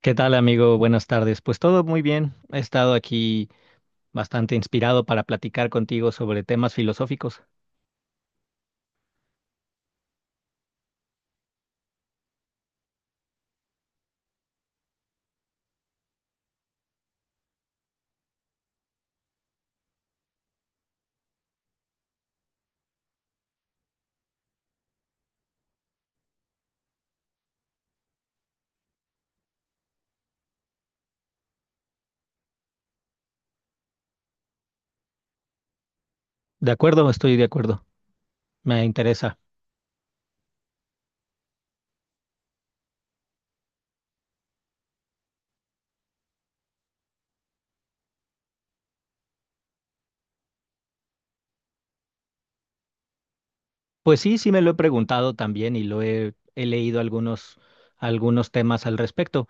¿Qué tal, amigo? Buenas tardes. Pues todo muy bien. He estado aquí bastante inspirado para platicar contigo sobre temas filosóficos. De acuerdo, estoy de acuerdo. Me interesa. Pues sí, sí me lo he preguntado también y lo he leído algunos temas al respecto.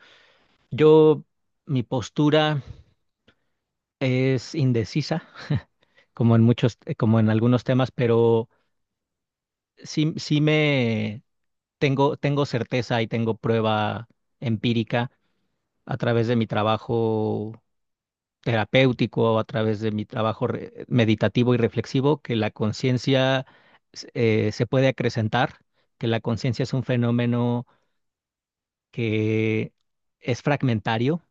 Yo, mi postura es indecisa, como en muchos, como en algunos temas, pero sí, sí me tengo certeza y tengo prueba empírica a través de mi trabajo terapéutico a través de mi trabajo meditativo y reflexivo, que la conciencia se puede acrecentar, que la conciencia es un fenómeno que es fragmentario.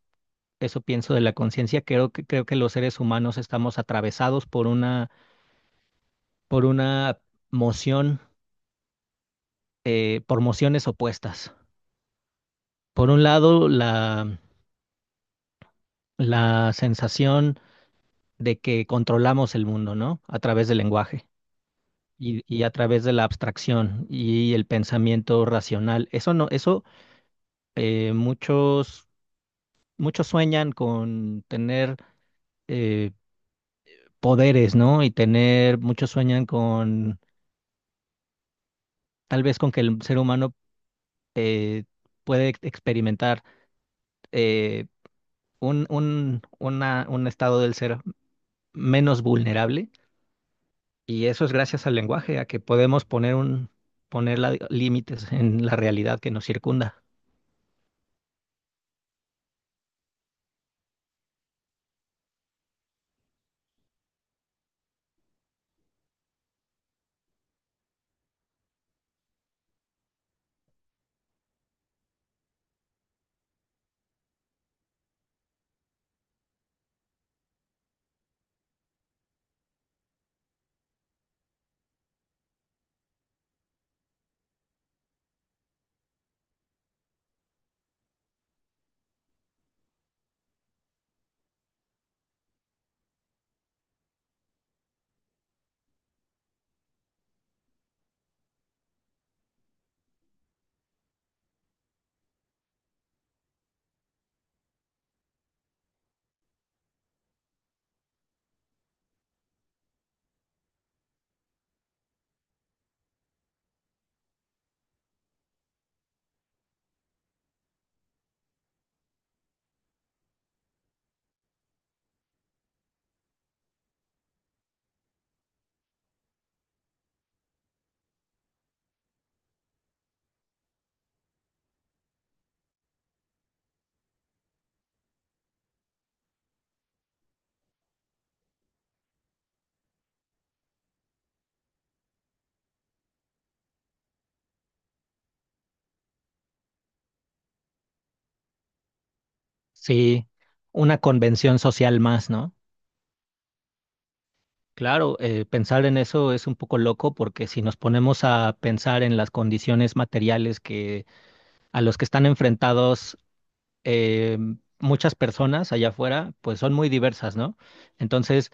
Eso pienso de la conciencia. Creo creo que los seres humanos estamos atravesados por una moción, por mociones opuestas. Por un lado, la sensación de que controlamos el mundo, ¿no? A través del lenguaje y a través de la abstracción y el pensamiento racional. Eso no, eso eh, muchos, muchos sueñan con tener eh, poderes, ¿no? Y tener, muchos sueñan con, tal vez con que el ser humano eh, puede experimentar eh, un estado del ser menos vulnerable. Y eso es gracias al lenguaje, a que podemos límites en la realidad que nos circunda. Sí, una convención social más, ¿no? Claro, pensar en eso es un poco loco porque si nos ponemos a pensar en las condiciones materiales que a los que están enfrentados eh, muchas personas allá afuera, pues son muy diversas, ¿no? Entonces,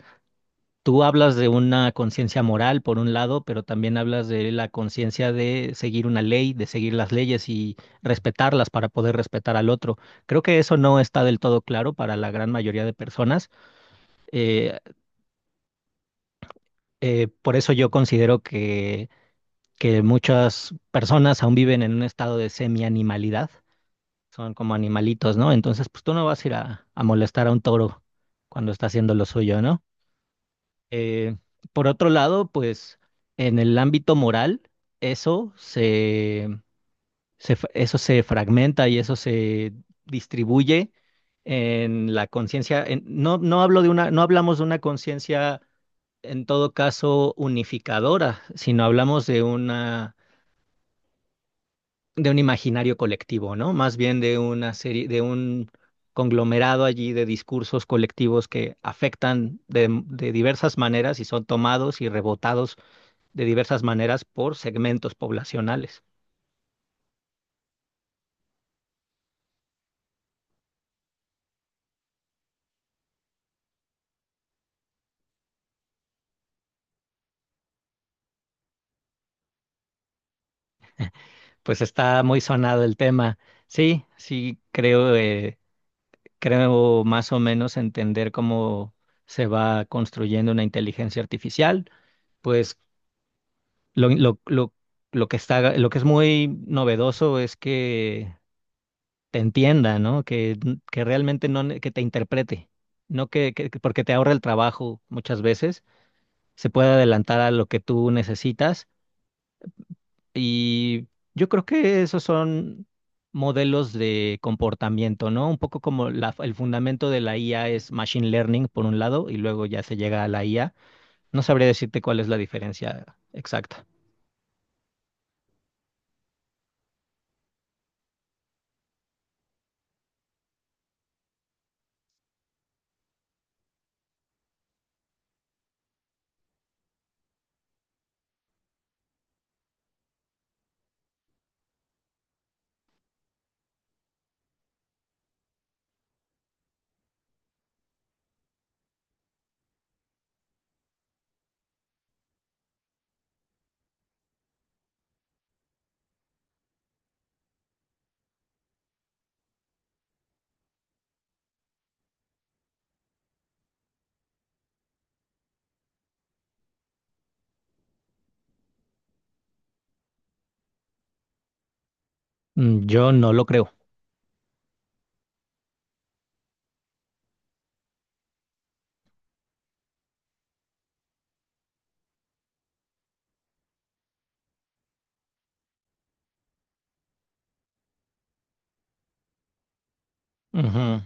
tú hablas de una conciencia moral por un lado, pero también hablas de la conciencia de seguir una ley, de seguir las leyes y respetarlas para poder respetar al otro. Creo que eso no está del todo claro para la gran mayoría de personas. Eh, por eso yo considero que muchas personas aún viven en un estado de semi-animalidad, son como animalitos, ¿no? Entonces, pues tú no vas a ir a molestar a un toro cuando está haciendo lo suyo, ¿no? Eh, por otro lado, pues en el ámbito moral, eso se, eso se fragmenta y eso se distribuye en la conciencia. No, no hablo de una, no hablamos de una conciencia en todo caso unificadora, si no hablamos de una de un imaginario colectivo, ¿no? Más bien de una serie, de un conglomerado allí de discursos colectivos que afectan de diversas maneras y son tomados y rebotados de diversas maneras por segmentos poblacionales. Pues está muy sonado el tema. Sí, sí, creo, creo más o menos entender cómo se va construyendo una inteligencia artificial. Pues Lo, lo, lo, lo que está, lo que es muy novedoso es que te entienda, ¿no? Que realmente no, que te interprete, no que porque te ahorra el trabajo muchas veces, se puede adelantar a lo que tú necesitas y yo creo que esos son modelos de comportamiento, ¿no? Un poco como el fundamento de la IA es machine learning por un lado y luego ya se llega a la IA. No sabría decirte cuál es la diferencia exacta. Mm, yo no lo creo. Ujú.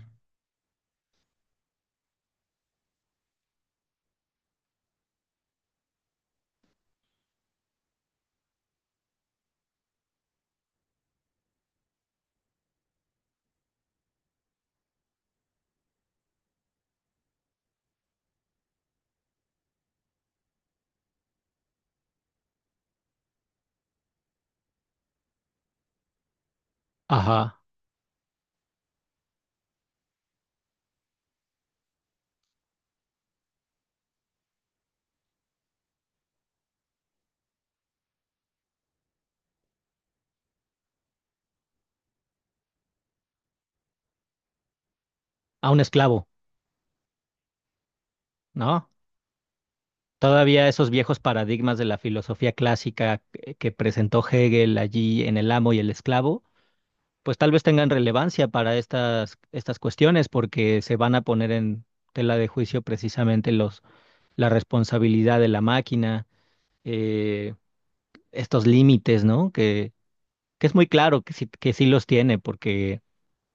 Ajá, a un esclavo, ¿no? Todavía esos viejos paradigmas de la filosofía clásica que presentó Hegel allí en El amo y el esclavo, pues tal vez tengan relevancia para estas cuestiones porque se van a poner en tela de juicio precisamente la responsabilidad de la máquina, eh, estos límites, ¿no? Que es muy claro que sí los tiene porque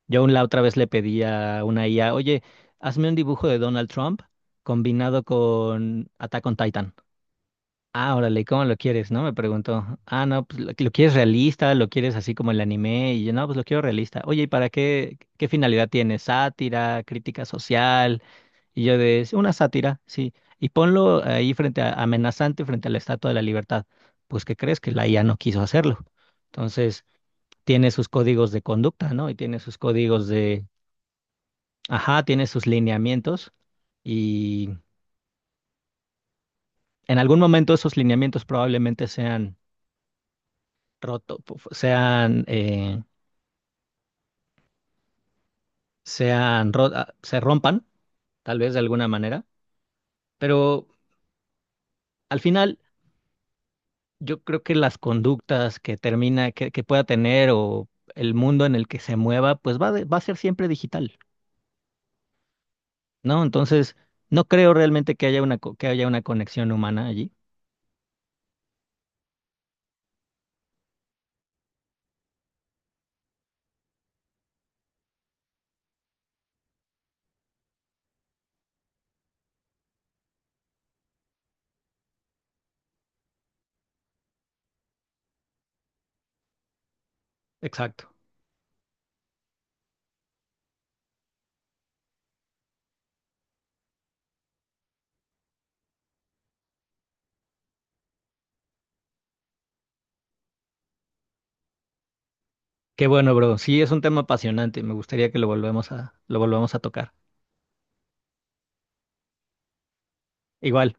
yo aún la otra vez le pedí a una IA, oye, hazme un dibujo de Donald Trump combinado con Attack on Titan. Ah, órale, ¿cómo lo quieres? ¿No? Me preguntó. Ah, no, pues lo quieres realista, lo quieres así como el anime. Y yo, no, pues lo quiero realista. Oye, ¿y para qué, qué finalidad tiene? ¿Sátira? ¿Crítica social? Y yo de, "Es una sátira, sí. Y ponlo ahí frente a, amenazante frente a la Estatua de la Libertad. Pues, ¿qué crees? Que la IA no quiso hacerlo. Entonces, tiene sus códigos de conducta, ¿no? Y tiene sus códigos. Ajá, tiene sus lineamientos y en algún momento esos lineamientos probablemente sean roto, pu- fu- sean, sean ro- ah, se rompan, tal vez de alguna manera, pero al final yo creo que las conductas que que pueda tener o el mundo en el que se mueva, pues va a ser siempre digital, ¿no? Entonces, no creo realmente que haya que haya una conexión humana allí. Exacto. Qué bueno, bro. Sí, es un tema apasionante. Me gustaría que lo volvamos a tocar. Igual.